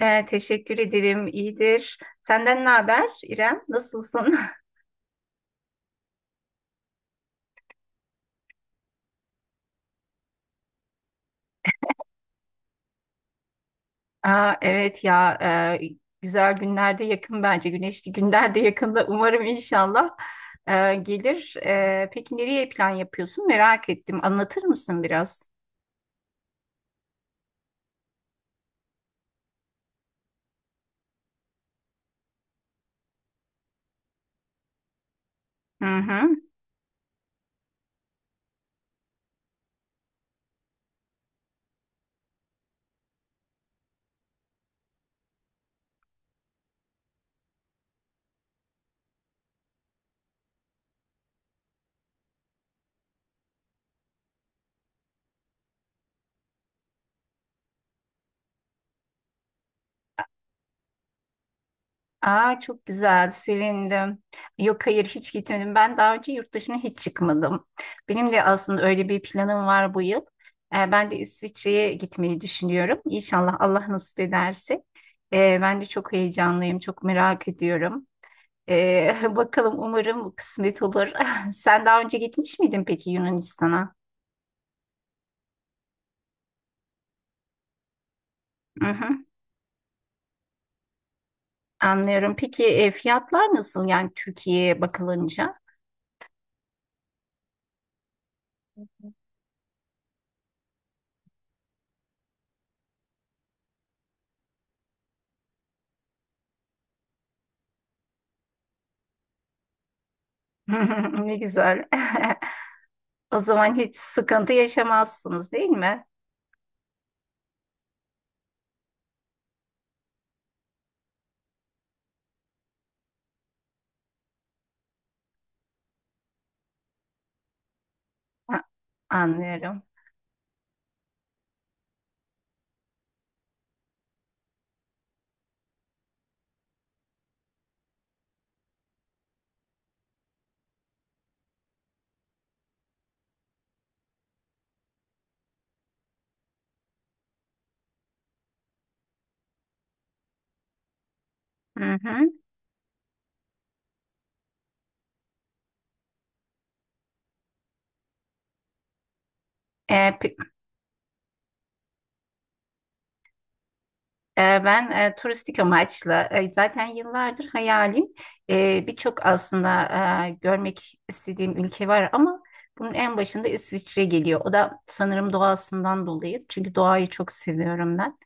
Teşekkür ederim. İyidir. Senden ne haber İrem? Nasılsın? Aa, evet ya e, güzel günlerde yakın bence. Güneşli günlerde yakında umarım inşallah gelir. Peki nereye plan yapıyorsun? Merak ettim. Anlatır mısın biraz? Hı hı. Aa çok güzel, sevindim. Yok hayır hiç gitmedim. Ben daha önce yurt dışına hiç çıkmadım. Benim de aslında öyle bir planım var bu yıl. Ben de İsviçre'ye gitmeyi düşünüyorum. İnşallah Allah nasip ederse. Ben de çok heyecanlıyım, çok merak ediyorum. Bakalım umarım kısmet olur. Sen daha önce gitmiş miydin peki Yunanistan'a? Hı hı, anlıyorum. Peki fiyatlar nasıl yani Türkiye'ye bakılınca? Ne güzel. O zaman hiç sıkıntı yaşamazsınız değil mi? Ha, anlıyorum. Hı hı. E, pe- ben turistik amaçlı, zaten yıllardır hayalim. Birçok aslında görmek istediğim ülke var ama bunun en başında İsviçre geliyor. O da sanırım doğasından dolayı çünkü doğayı çok seviyorum ben.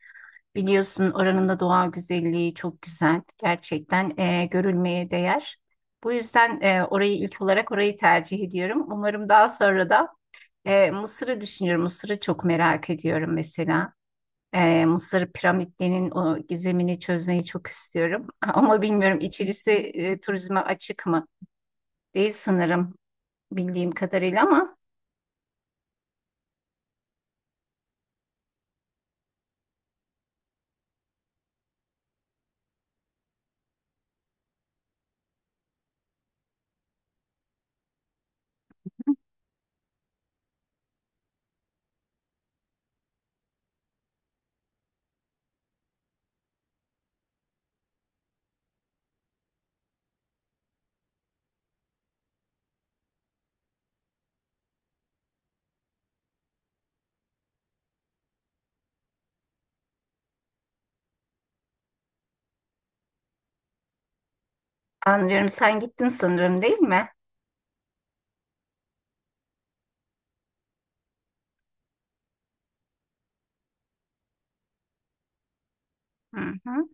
Biliyorsun oranın da doğa güzelliği çok güzel. Gerçekten görülmeye değer. Bu yüzden orayı ilk olarak orayı tercih ediyorum. Umarım daha sonra da Mısır'ı düşünüyorum. Mısır'ı çok merak ediyorum mesela. Mısır piramitlerinin o gizemini çözmeyi çok istiyorum. Ama bilmiyorum içerisi turizme açık mı? Değil sanırım bildiğim kadarıyla ama anlıyorum, sen gittin sanırım değil mi? Hı hı,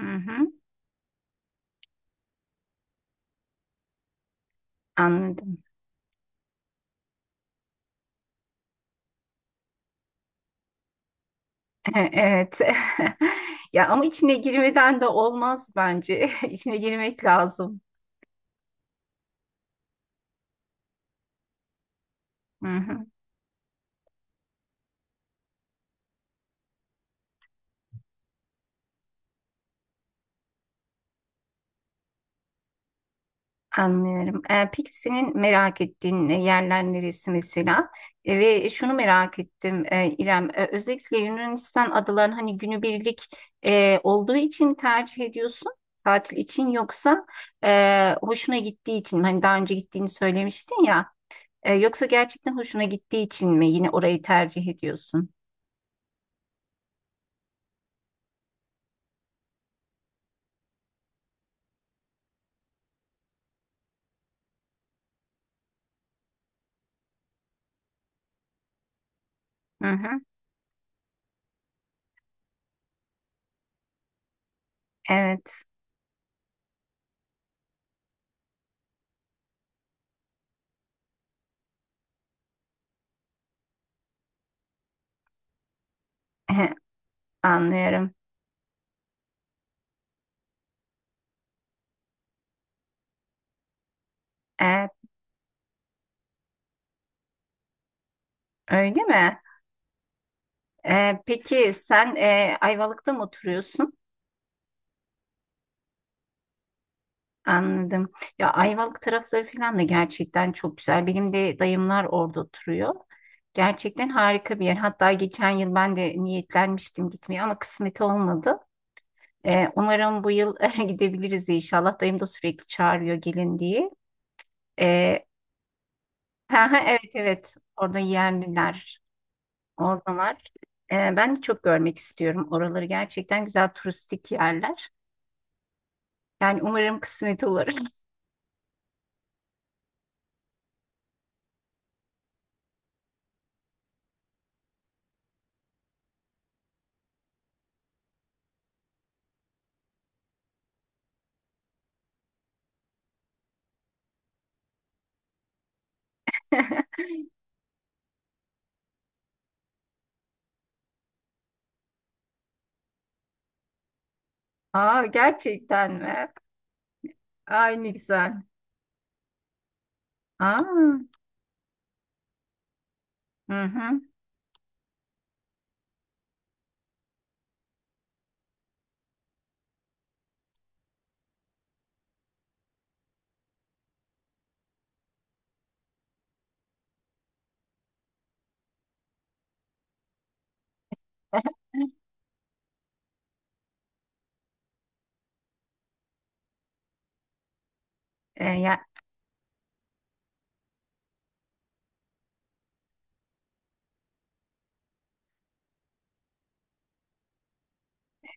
hı hı, anladım. Evet. Ya ama içine girmeden de olmaz bence. İçine girmek lazım. Hı hı, anlıyorum. Peki senin merak ettiğin yerler neresi mesela? Ve şunu merak ettim İrem. Özellikle Yunanistan adalarını hani günübirlik olduğu için tercih ediyorsun. Tatil için yoksa hoşuna gittiği için mi? Hani daha önce gittiğini söylemiştin ya. Yoksa gerçekten hoşuna gittiği için mi yine orayı tercih ediyorsun? Hı hı, evet. Anlıyorum. Ee, öyle mi? Peki sen Ayvalık'ta mı oturuyorsun? Anladım. Ya Ayvalık tarafları falan da gerçekten çok güzel. Benim de dayımlar orada oturuyor. Gerçekten harika bir yer. Hatta geçen yıl ben de niyetlenmiştim gitmeye ama kısmet olmadı. Umarım bu yıl gidebiliriz inşallah. Dayım da sürekli çağırıyor gelin diye. Ee, ha, ha, evet evet, orada yerliler orada var. Ben çok görmek istiyorum. Oraları gerçekten güzel turistik yerler. Yani umarım kısmet olur. Aa gerçekten mi? Ay ne güzel. Aa, hı hı. Ee, ya,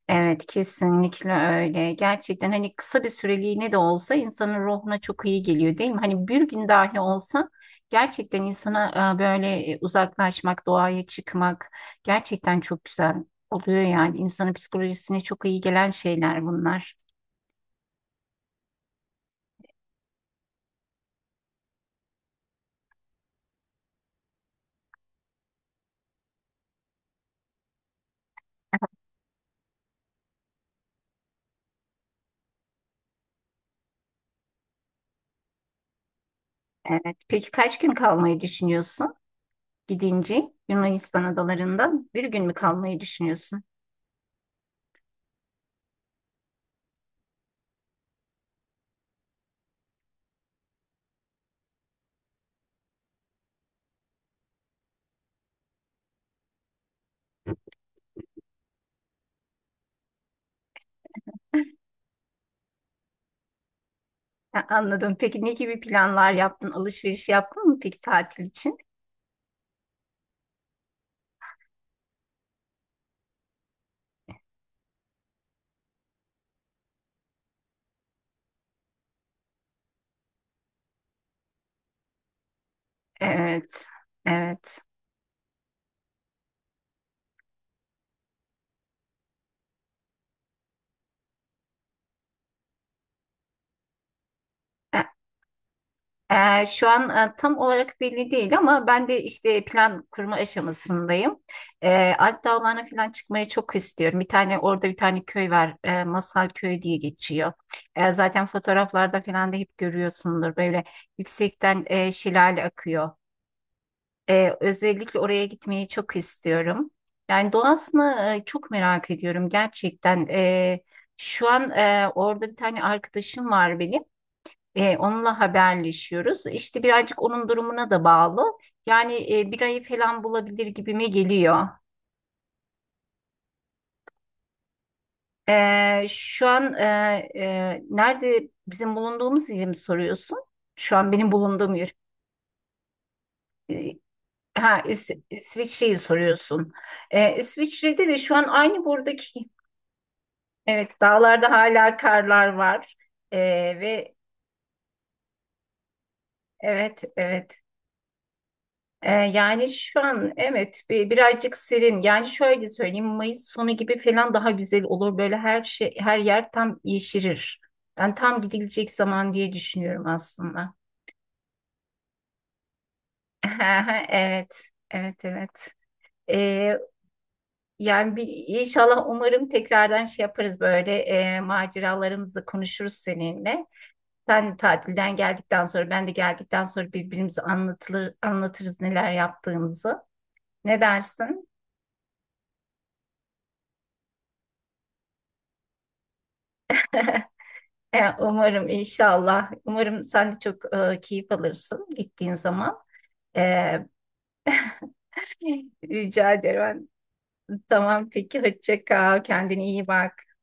evet kesinlikle öyle. Gerçekten hani kısa bir süreliğine de olsa insanın ruhuna çok iyi geliyor değil mi? Hani bir gün dahi olsa gerçekten insana böyle uzaklaşmak, doğaya çıkmak gerçekten çok güzel oluyor yani. İnsanın psikolojisine çok iyi gelen şeyler bunlar. Evet. Peki kaç gün kalmayı düşünüyorsun gidince Yunanistan adalarında? Bir gün mü kalmayı düşünüyorsun? Ha, anladım. Peki ne gibi planlar yaptın? Alışveriş yaptın mı peki tatil için? Evet. Evet. E, şu an tam olarak belli değil ama ben de işte plan kurma aşamasındayım. Alp Dağları'na falan çıkmayı çok istiyorum. Bir tane orada bir tane köy var. Masal Köyü diye geçiyor. Zaten fotoğraflarda falan da hep görüyorsundur. Böyle yüksekten şelale akıyor. Özellikle oraya gitmeyi çok istiyorum. Yani doğasını çok merak ediyorum gerçekten. Şu an orada bir tane arkadaşım var benim. Onunla haberleşiyoruz. İşte birazcık onun durumuna da bağlı. Yani bir ayı falan bulabilir gibime geliyor. Şu an nerede, bizim bulunduğumuz yeri mi soruyorsun? Şu an benim bulunduğum yer. E, ha, İsviçre'yi soruyorsun. İsviçre'de de şu an aynı buradaki. Evet, dağlarda hala karlar var. E, ve evet, evet. Yani şu an evet birazcık serin. Yani şöyle söyleyeyim Mayıs sonu gibi falan daha güzel olur. Böyle her şey her yer tam yeşerir. Ben tam gidilecek zaman diye düşünüyorum aslında. Evet, evet, evet. Ee, yani bir inşallah umarım tekrardan şey yaparız böyle maceralarımızı konuşuruz seninle. Sen tatilden geldikten sonra ben de geldikten sonra birbirimize anlatılır, anlatırız neler yaptığımızı. Ne dersin? Umarım inşallah. Umarım sen de çok keyif alırsın gittiğin zaman. E, rica ederim. Tamam peki hoşça kal. Kendine iyi bak.